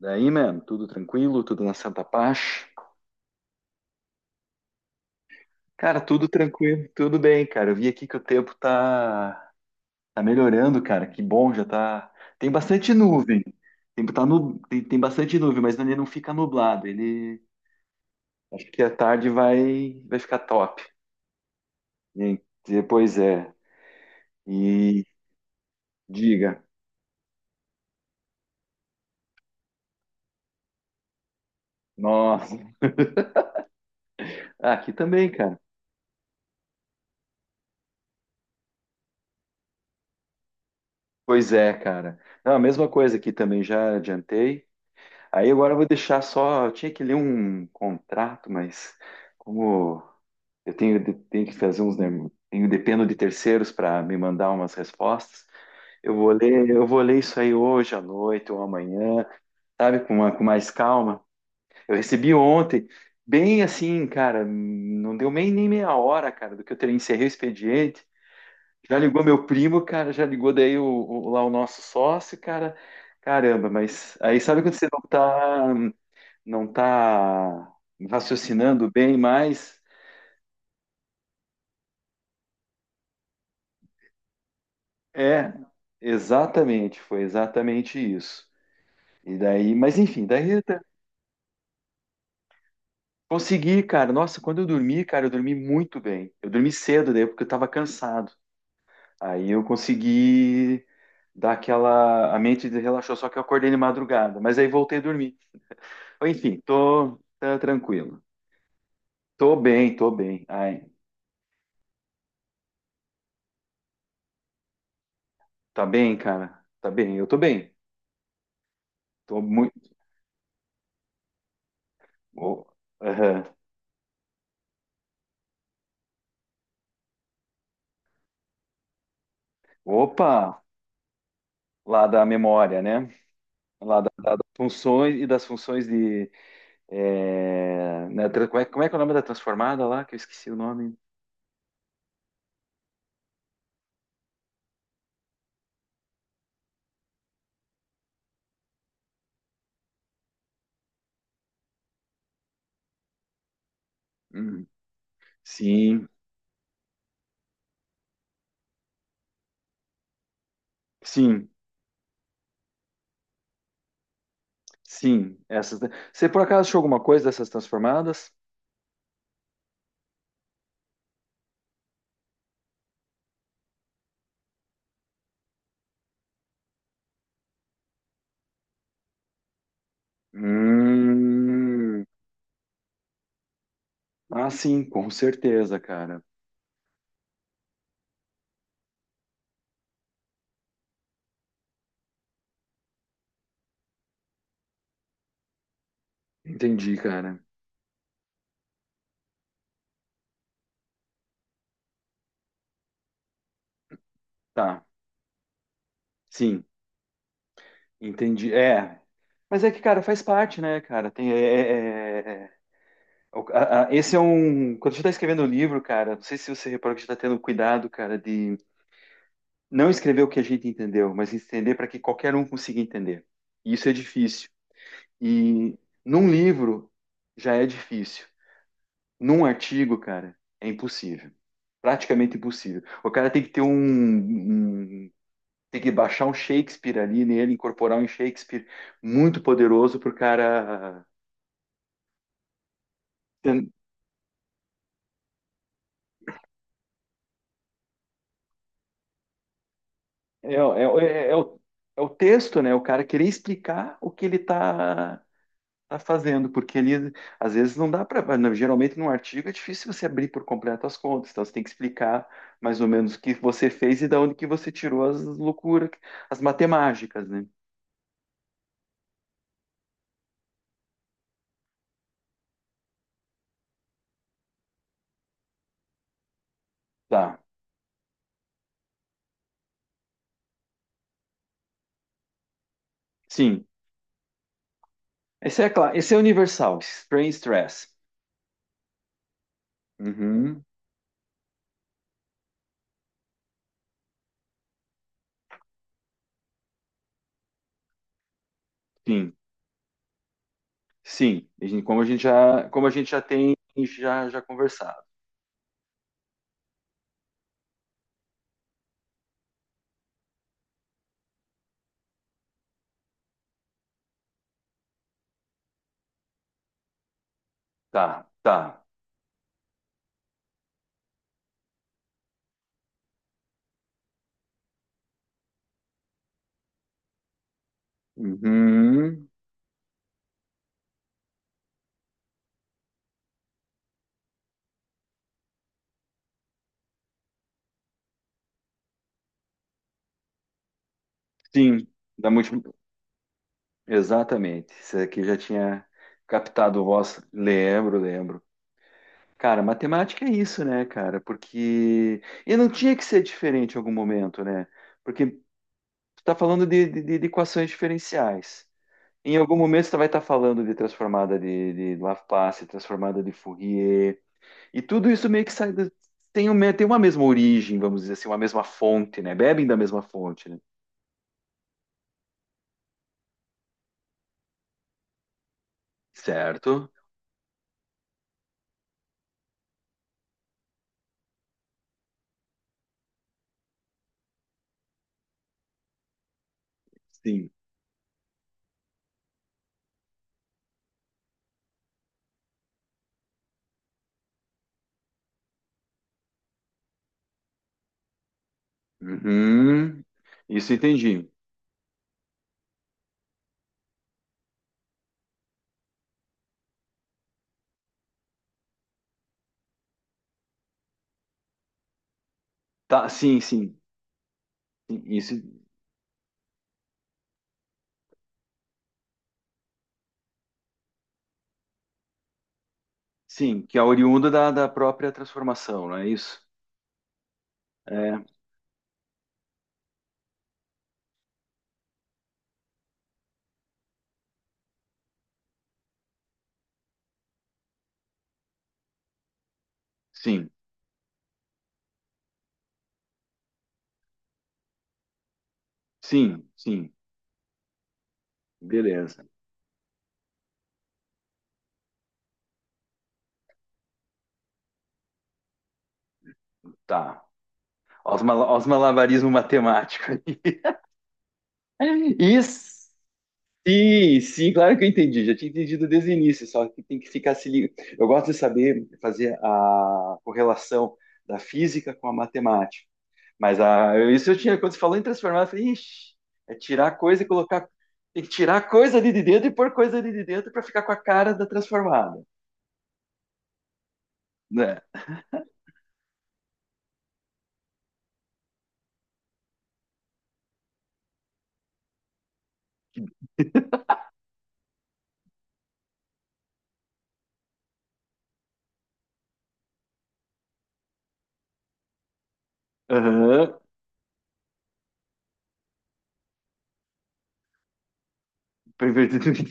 Daí, mano, tudo tranquilo, tudo na santa paz. Cara, tudo tranquilo, tudo bem, cara. Eu vi aqui que o tempo tá melhorando, cara. Que bom, já tá. Tem bastante nuvem. Tem, tá nu... tem, tem bastante nuvem, mas ele não fica nublado. Ele acho que à tarde vai ficar top. E depois é. E diga. Nossa. Ah, aqui também, cara. Pois é, cara. Não, a mesma coisa aqui também já adiantei. Aí agora eu vou deixar só. Eu tinha que ler um contrato, mas como eu tenho que fazer tenho, dependo de terceiros para me mandar umas respostas. Eu vou ler isso aí hoje à noite ou amanhã, sabe? Com mais calma. Eu recebi ontem, bem assim, cara, não deu nem meia hora, cara, do que eu encerrei o expediente. Já ligou meu primo, cara, já ligou daí lá o nosso sócio, cara. Caramba, mas aí sabe quando você não tá não está raciocinando bem, mas é, exatamente, foi exatamente isso. E daí, mas enfim, daí tá, consegui, cara. Nossa, quando eu dormi, cara, eu dormi muito bem. Eu dormi cedo, daí porque eu estava cansado. Aí eu consegui dar aquela, a mente relaxou, só que eu acordei de madrugada, mas aí voltei a dormir. Enfim, tô tá tranquilo. Tô bem, tô bem. Ai, tá bem, cara. Tá bem, eu tô bem. Tô muito. Ô, aham. Opa! Lá da memória, né? Lá das funções e das funções de. É, né, como é que é o nome da transformada lá? Que eu esqueci o nome. Hum, sim, sim, sim. Essas, né? Você por acaso achou alguma coisa dessas transformadas? Hum, ah, sim, com certeza, cara. Entendi, cara. Tá, sim, entendi. É. Mas é que, cara, faz parte, né, cara? Tem, é, é, é, é, é. Esse é um. Quando a gente está escrevendo um livro, cara, não sei se você reparou que a gente está tendo cuidado, cara, de não escrever o que a gente entendeu, mas entender para que qualquer um consiga entender. E isso é difícil. E num livro já é difícil. Num artigo, cara, é impossível. Praticamente impossível. O cara tem que ter tem que baixar um Shakespeare ali nele, incorporar um Shakespeare muito poderoso para o cara. É, é, é, é o, é o texto, né? O cara querer explicar o que ele tá fazendo, porque ele, às vezes, não dá para. Geralmente, num artigo, é difícil você abrir por completo as contas, então você tem que explicar mais ou menos o que você fez e da onde que você tirou as loucuras, as matemáticas, né? Tá, sim. Esse é claro, esse é universal, strain stress. Uhum, sim, sim. Como a gente já tem já conversado. Tá, tá. Uhum. Sim, da multi... exatamente. Isso aqui já tinha captado o vosso. Lembro, lembro. Cara, matemática é isso, né, cara? Porque. E não tinha que ser diferente em algum momento, né? Porque tu tá falando de equações diferenciais. Em algum momento você vai estar falando de transformada de Laplace, transformada de Fourier. E tudo isso meio que sai. Tem uma mesma origem, vamos dizer assim, uma mesma fonte, né? Bebem da mesma fonte, né? Certo? Sim. Uhum. Isso entendi. Tá, sim, sim. Sim, isso, sim, que é oriunda da própria transformação, não é isso? É, sim, sim, sim. Beleza. Tá. Olha os malabarismo matemático aí. Isso. Sim, sim, claro que eu entendi. Já tinha entendido desde o início, só que tem que ficar se ligando. Eu gosto de saber fazer a correlação da física com a matemática. Mas a, isso eu tinha, quando você falou em transformar, eu falei, ixi, é tirar coisa e colocar. Tem que tirar coisa ali de dentro e pôr coisa ali de dentro para ficar com a cara da transformada, né? Aham.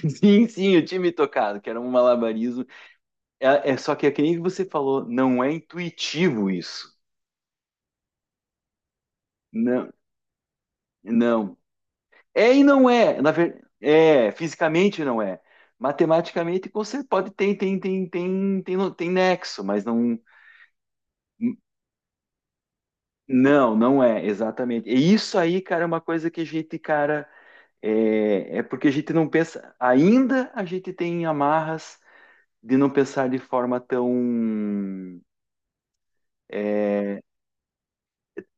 Sim, sim, eu tinha me tocado, que era um malabarismo. É só que é que nem você falou, não é intuitivo isso. Não, não. É e não é. É, fisicamente não é. Matematicamente, você pode tem nexo, mas não. Não, não é, exatamente. E isso aí, cara, é uma coisa que a gente, cara, é porque a gente não pensa, ainda a gente tem amarras de não pensar de forma tão, é,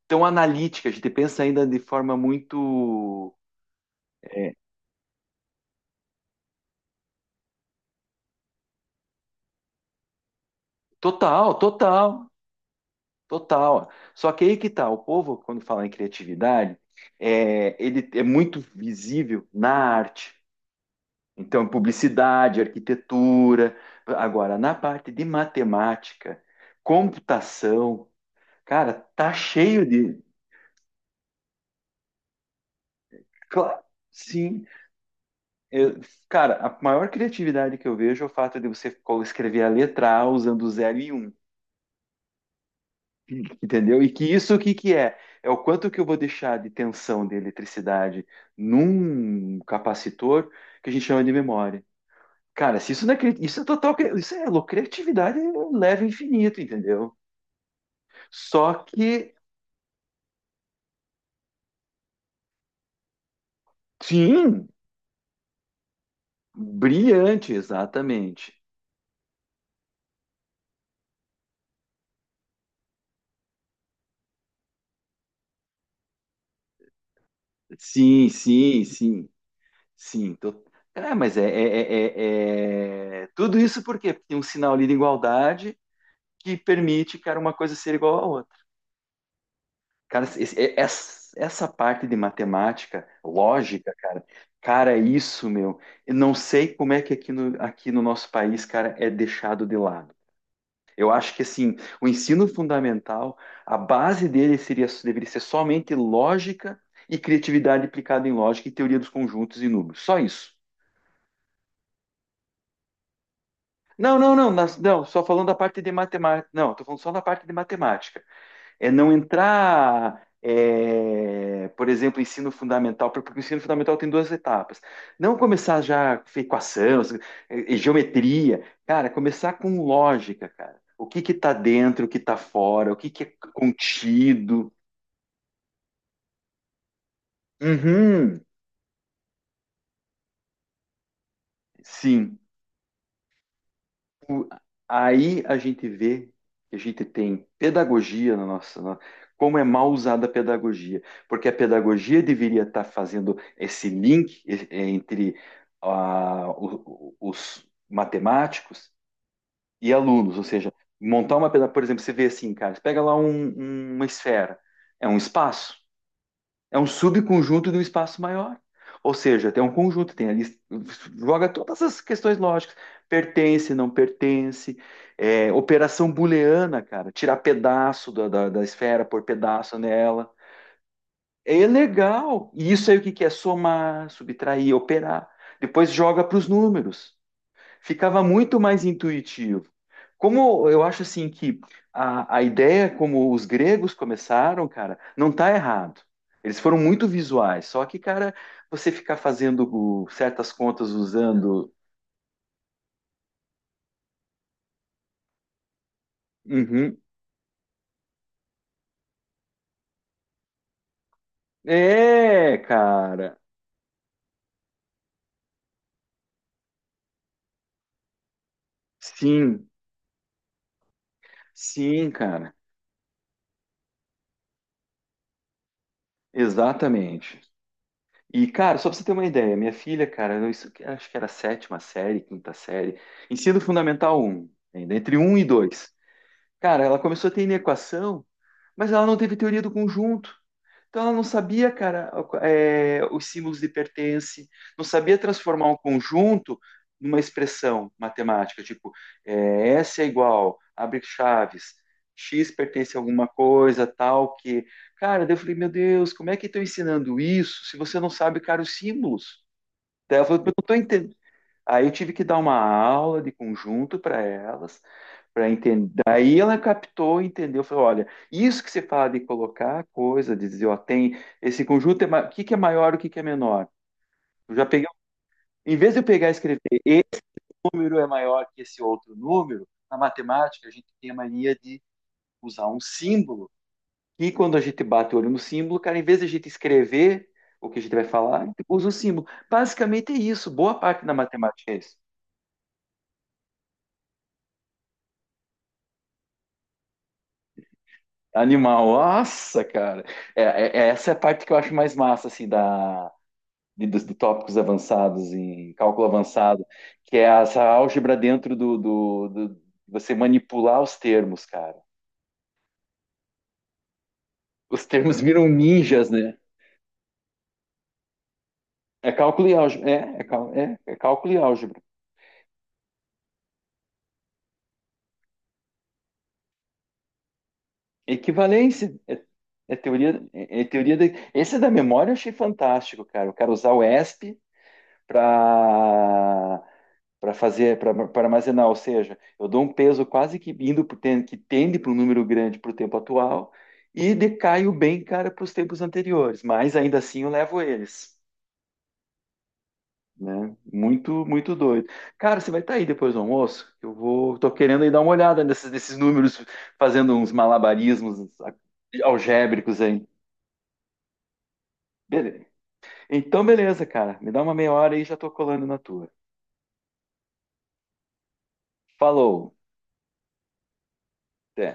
tão analítica, a gente pensa ainda de forma muito total, total, total. Só que aí que tá, o povo, quando fala em criatividade, é, ele é muito visível na arte. Então, publicidade, arquitetura. Agora, na parte de matemática, computação, cara, tá cheio de. Cla- Sim. Eu- cara, a maior criatividade que eu vejo é o fato de você escrever a letra A usando zero e um, entendeu? E que isso o que que é? É o quanto que eu vou deixar de tensão de eletricidade num capacitor que a gente chama de memória. Cara, se isso não é, isso é total, isso é criatividade leva infinito, entendeu? Só que, sim, brilhante, exatamente. Sim, sim, sim, sim. É, mas tudo isso por quê? Porque tem um sinal ali de igualdade que permite, cara, uma coisa ser igual à outra. Cara, essa parte de matemática, lógica, cara, é isso, meu, eu não sei como é que aqui no nosso país, cara, é deixado de lado. Eu acho que assim, o ensino fundamental, a base dele seria, deveria ser somente lógica e criatividade aplicada em lógica e teoria dos conjuntos e números. Só isso. Não, não, não, não, só falando da parte de matemática. Não, estou falando só da parte de matemática. É não entrar, é, por exemplo, ensino fundamental, porque o ensino fundamental tem duas etapas. Não começar já com equação, geometria, cara, começar com lógica, cara. O que que tá dentro, o que tá fora, o que que é contido. Uhum, sim. O- Aí a gente vê que a gente tem pedagogia na nossa, como é mal usada a pedagogia, porque a pedagogia deveria estar fazendo esse link entre os matemáticos e alunos, ou seja, montar uma pedagogia, por exemplo, você vê assim, cara, você pega lá uma esfera, é um espaço, é um subconjunto de um espaço maior. Ou seja, tem um conjunto, tem ali, joga todas as questões lógicas. Pertence, não pertence. É, operação booleana, cara. Tirar pedaço da esfera, pôr pedaço nela. É legal. E isso aí o que que é? Somar, subtrair, operar. Depois joga para os números, ficava muito mais intuitivo. Como eu acho assim que a ideia como os gregos começaram, cara, não tá errado. Eles foram muito visuais, só que, cara, você ficar fazendo certas contas usando. Uhum. É, cara. Sim, sim, cara. Exatamente. E, cara, só pra você ter uma ideia, minha filha, cara, acho que era a sétima série, quinta série, ensino fundamental um ainda, entre um e dois. Cara, ela começou a ter inequação. Mas ela não teve teoria do conjunto. Então ela não sabia, cara, é, os símbolos de pertence, não sabia transformar um conjunto numa expressão matemática, tipo, é, S é igual, abre chaves, X pertence a alguma coisa, tal, que. Cara, daí eu falei, meu Deus, como é que estão ensinando isso se você não sabe, cara, os símbolos? Daí ela falou, eu não tô entendendo. Aí eu tive que dar uma aula de conjunto para elas, para entender. Daí ela captou, entendeu, falou: olha, isso que você fala de colocar coisa, de dizer, ó, tem esse conjunto, o que que é maior, o que que é menor? Eu já peguei, em vez de eu pegar e escrever, esse número é maior que esse outro número, na matemática a gente tem a mania de usar um símbolo, e quando a gente bate o olho no símbolo, cara, em vez de a gente escrever o que a gente vai falar, a gente usa o símbolo. Basicamente é isso, boa parte da matemática é isso. Animal, nossa, cara. Essa é a parte que eu acho mais massa, assim, da, de, dos de tópicos avançados em cálculo avançado, que é essa álgebra dentro você manipular os termos, cara. Os termos viram ninjas, né? É cálculo e álgebra. É cálculo e álgebra. Equivalência. É, é, teoria, é teoria da... Esse é da memória, eu achei fantástico, cara. O cara usar o ESP para para fazer, para armazenar, ou seja, eu dou um peso quase que indo que tende para um número grande para o tempo atual e decaio bem, cara, para os tempos anteriores, mas ainda assim eu levo eles, né? Muito, muito doido. Cara, você vai estar aí depois do almoço? Eu vou, tô querendo aí dar uma olhada nesses números, fazendo uns malabarismos algébricos aí. Beleza. Então, beleza, cara. Me dá uma meia hora aí e já tô colando na tua. Falou. Até.